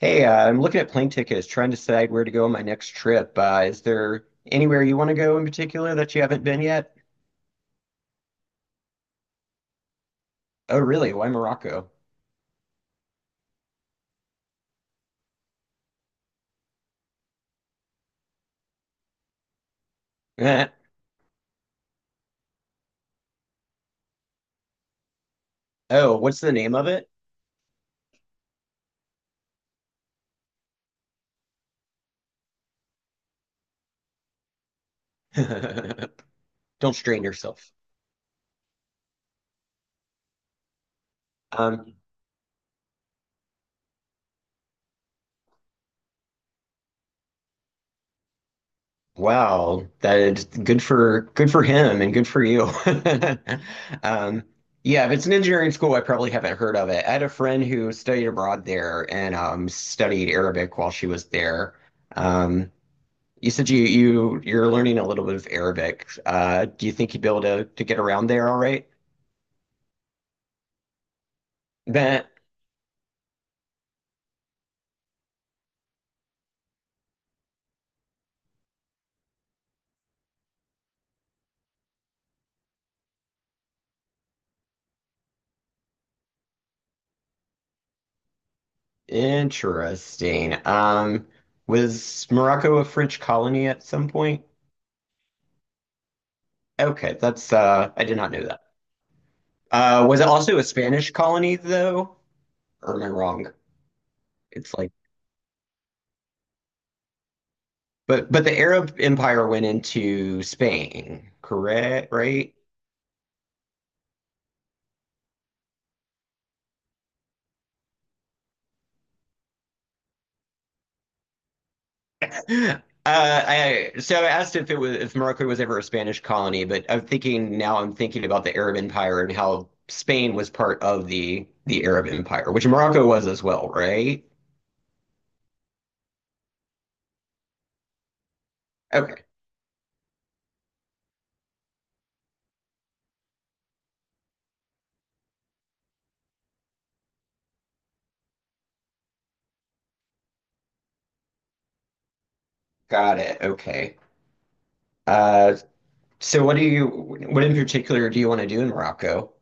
Hey, I'm looking at plane tickets, trying to decide where to go on my next trip. Is there anywhere you want to go in particular that you haven't been yet? Oh, really? Why Morocco? Eh. Oh, what's the name of it? Don't strain yourself. Um, wow, that is good for him and good for you. Um, yeah, if it's an engineering school, I probably haven't heard of it. I had a friend who studied abroad there and studied Arabic while she was there. Um, You said you're learning a little bit of Arabic. Do you think you'd be able to get around there all right? That interesting. Was Morocco a French colony at some point? Okay, that's I did not know that. Was it also a Spanish colony though? Or am I wrong? It's like but the Arab Empire went into Spain, correct? Right? I so I asked if it was if Morocco was ever a Spanish colony, but I'm thinking about the Arab Empire and how Spain was part of the Arab Empire, which Morocco was as well, right? Okay, got it. Okay. Uh, so what in particular do you want to do in Morocco?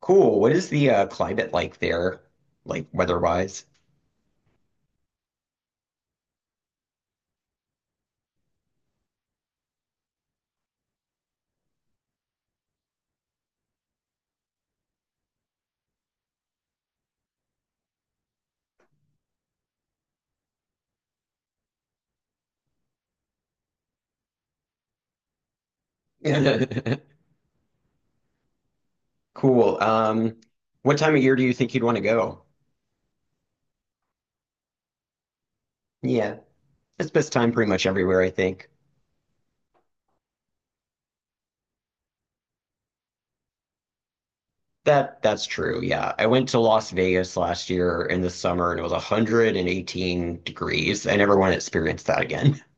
Cool. What is the climate like there, like weather-wise? Cool. What time of year do you think you'd want to go? Yeah, it's best time pretty much everywhere, I think. That's true. Yeah. I went to Las Vegas last year in the summer and it was 118 degrees. I never want to experience that again.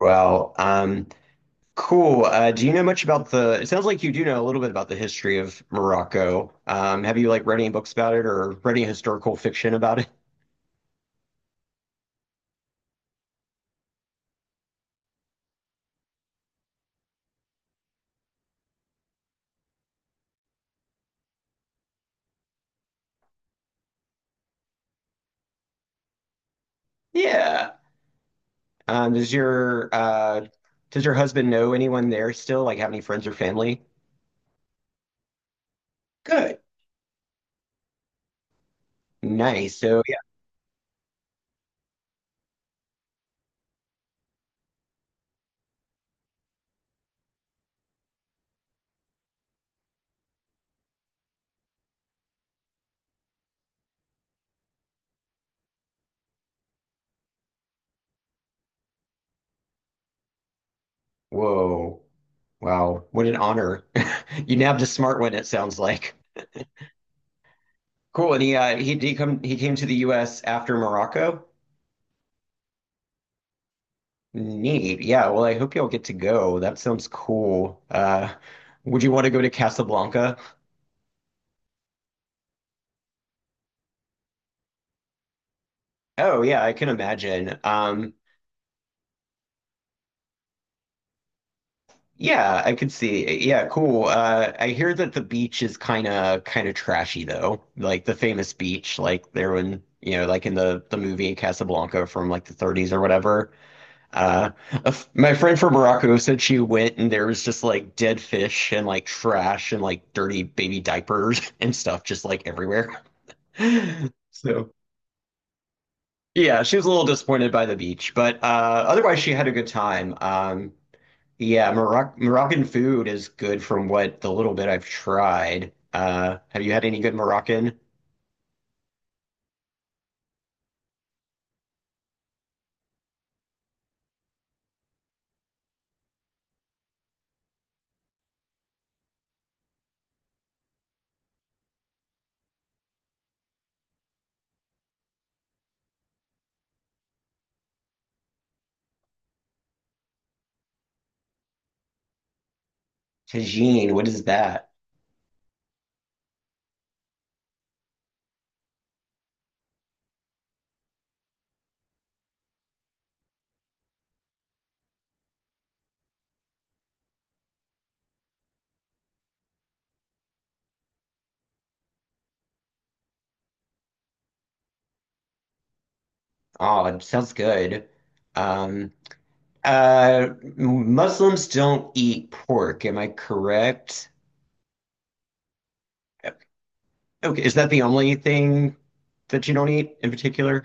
Well, cool. Do you know much about the, it sounds like you do know a little bit about the history of Morocco. Have you like read any books about it or read any historical fiction about it? Yeah. Does your does your husband know anyone there still? Like have any friends or family? Good. Nice. So yeah. Whoa. Wow, what an honor. You nabbed a smart one, it sounds like. Cool. And he come he came to the US after Morocco. Neat. Yeah, well I hope y'all get to go. That sounds cool. Would you want to go to Casablanca? Oh yeah, I can imagine. Yeah, I could see. Yeah, cool. I hear that the beach is kind of trashy though. Like the famous beach like there when, you know, like in the movie Casablanca from like the 30s or whatever. Uh, my friend from Morocco said she went and there was just like dead fish and like trash and like dirty baby diapers and stuff just like everywhere. So yeah, she was a little disappointed by the beach, but otherwise she had a good time. Yeah, Moroccan food is good from what the little bit I've tried. Have you had any good Moroccan? Tagine, what is that? Oh, it sounds good. Um, Uh, Muslims don't eat pork, am I correct? Okay, is that the only thing that you don't eat in particular?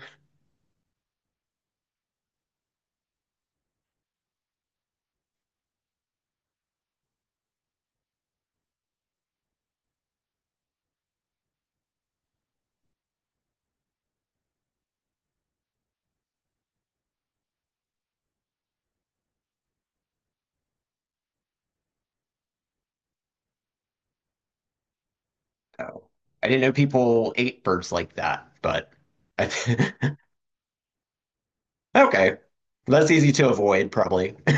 Oh, I didn't know people ate birds like that, but I, okay, that's easy to avoid, probably.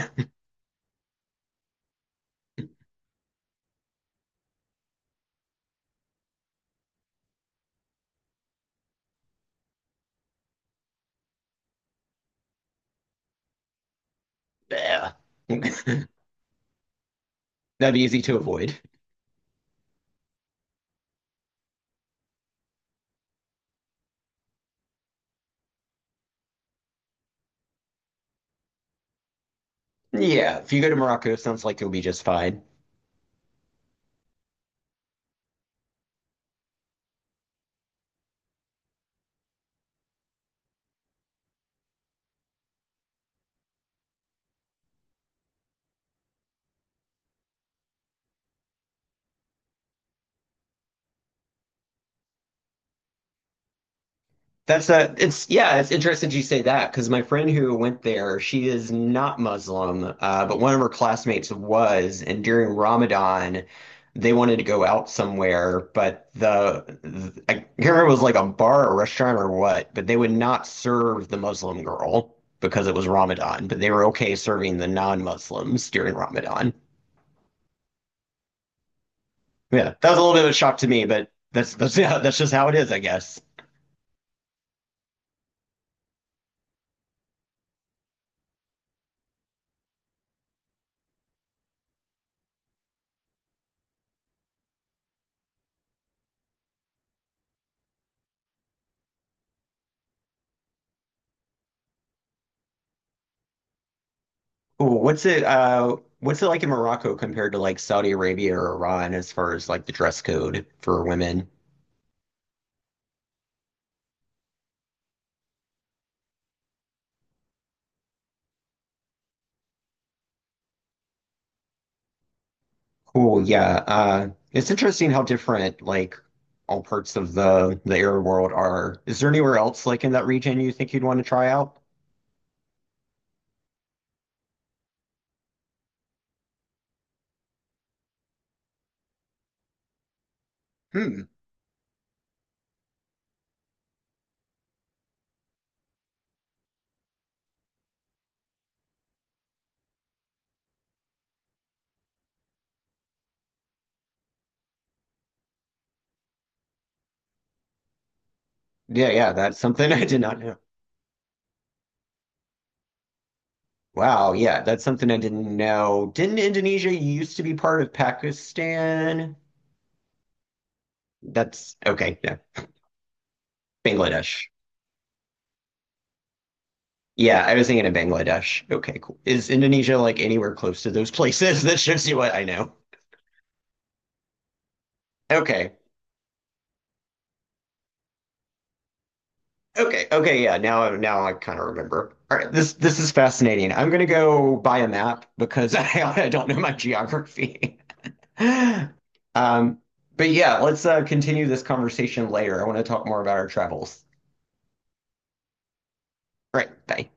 Yeah. That'd be easy to avoid. Yeah, if you go to Morocco, it sounds like you'll be just fine. That's a, it's, yeah, it's interesting you say that because my friend who went there, she is not Muslim, but one of her classmates was. And during Ramadan, they wanted to go out somewhere, but I can't remember if it was like a bar or restaurant or what, but they would not serve the Muslim girl because it was Ramadan, but they were okay serving the non-Muslims during Ramadan. Yeah, that was a little bit of a shock to me, but yeah, that's just how it is, I guess. Ooh, what's it like in Morocco compared to like Saudi Arabia or Iran as far as like the dress code for women? Cool, yeah. It's interesting how different like all parts of the Arab world are. Is there anywhere else like in that region you think you'd want to try out? Hmm. Yeah, yeah, that's something I did not know. Wow, yeah, that's something I didn't know. Didn't Indonesia used to be part of Pakistan? That's okay, yeah. Bangladesh. Yeah, I was thinking of Bangladesh. Okay, cool. Is Indonesia like anywhere close to those places? That shows you what I know. Okay. Okay. Okay, yeah. Now I kind of remember. All right, this is fascinating. I'm gonna go buy a map because I don't know my geography. Um, but yeah, let's continue this conversation later. I want to talk more about our travels. All right, bye.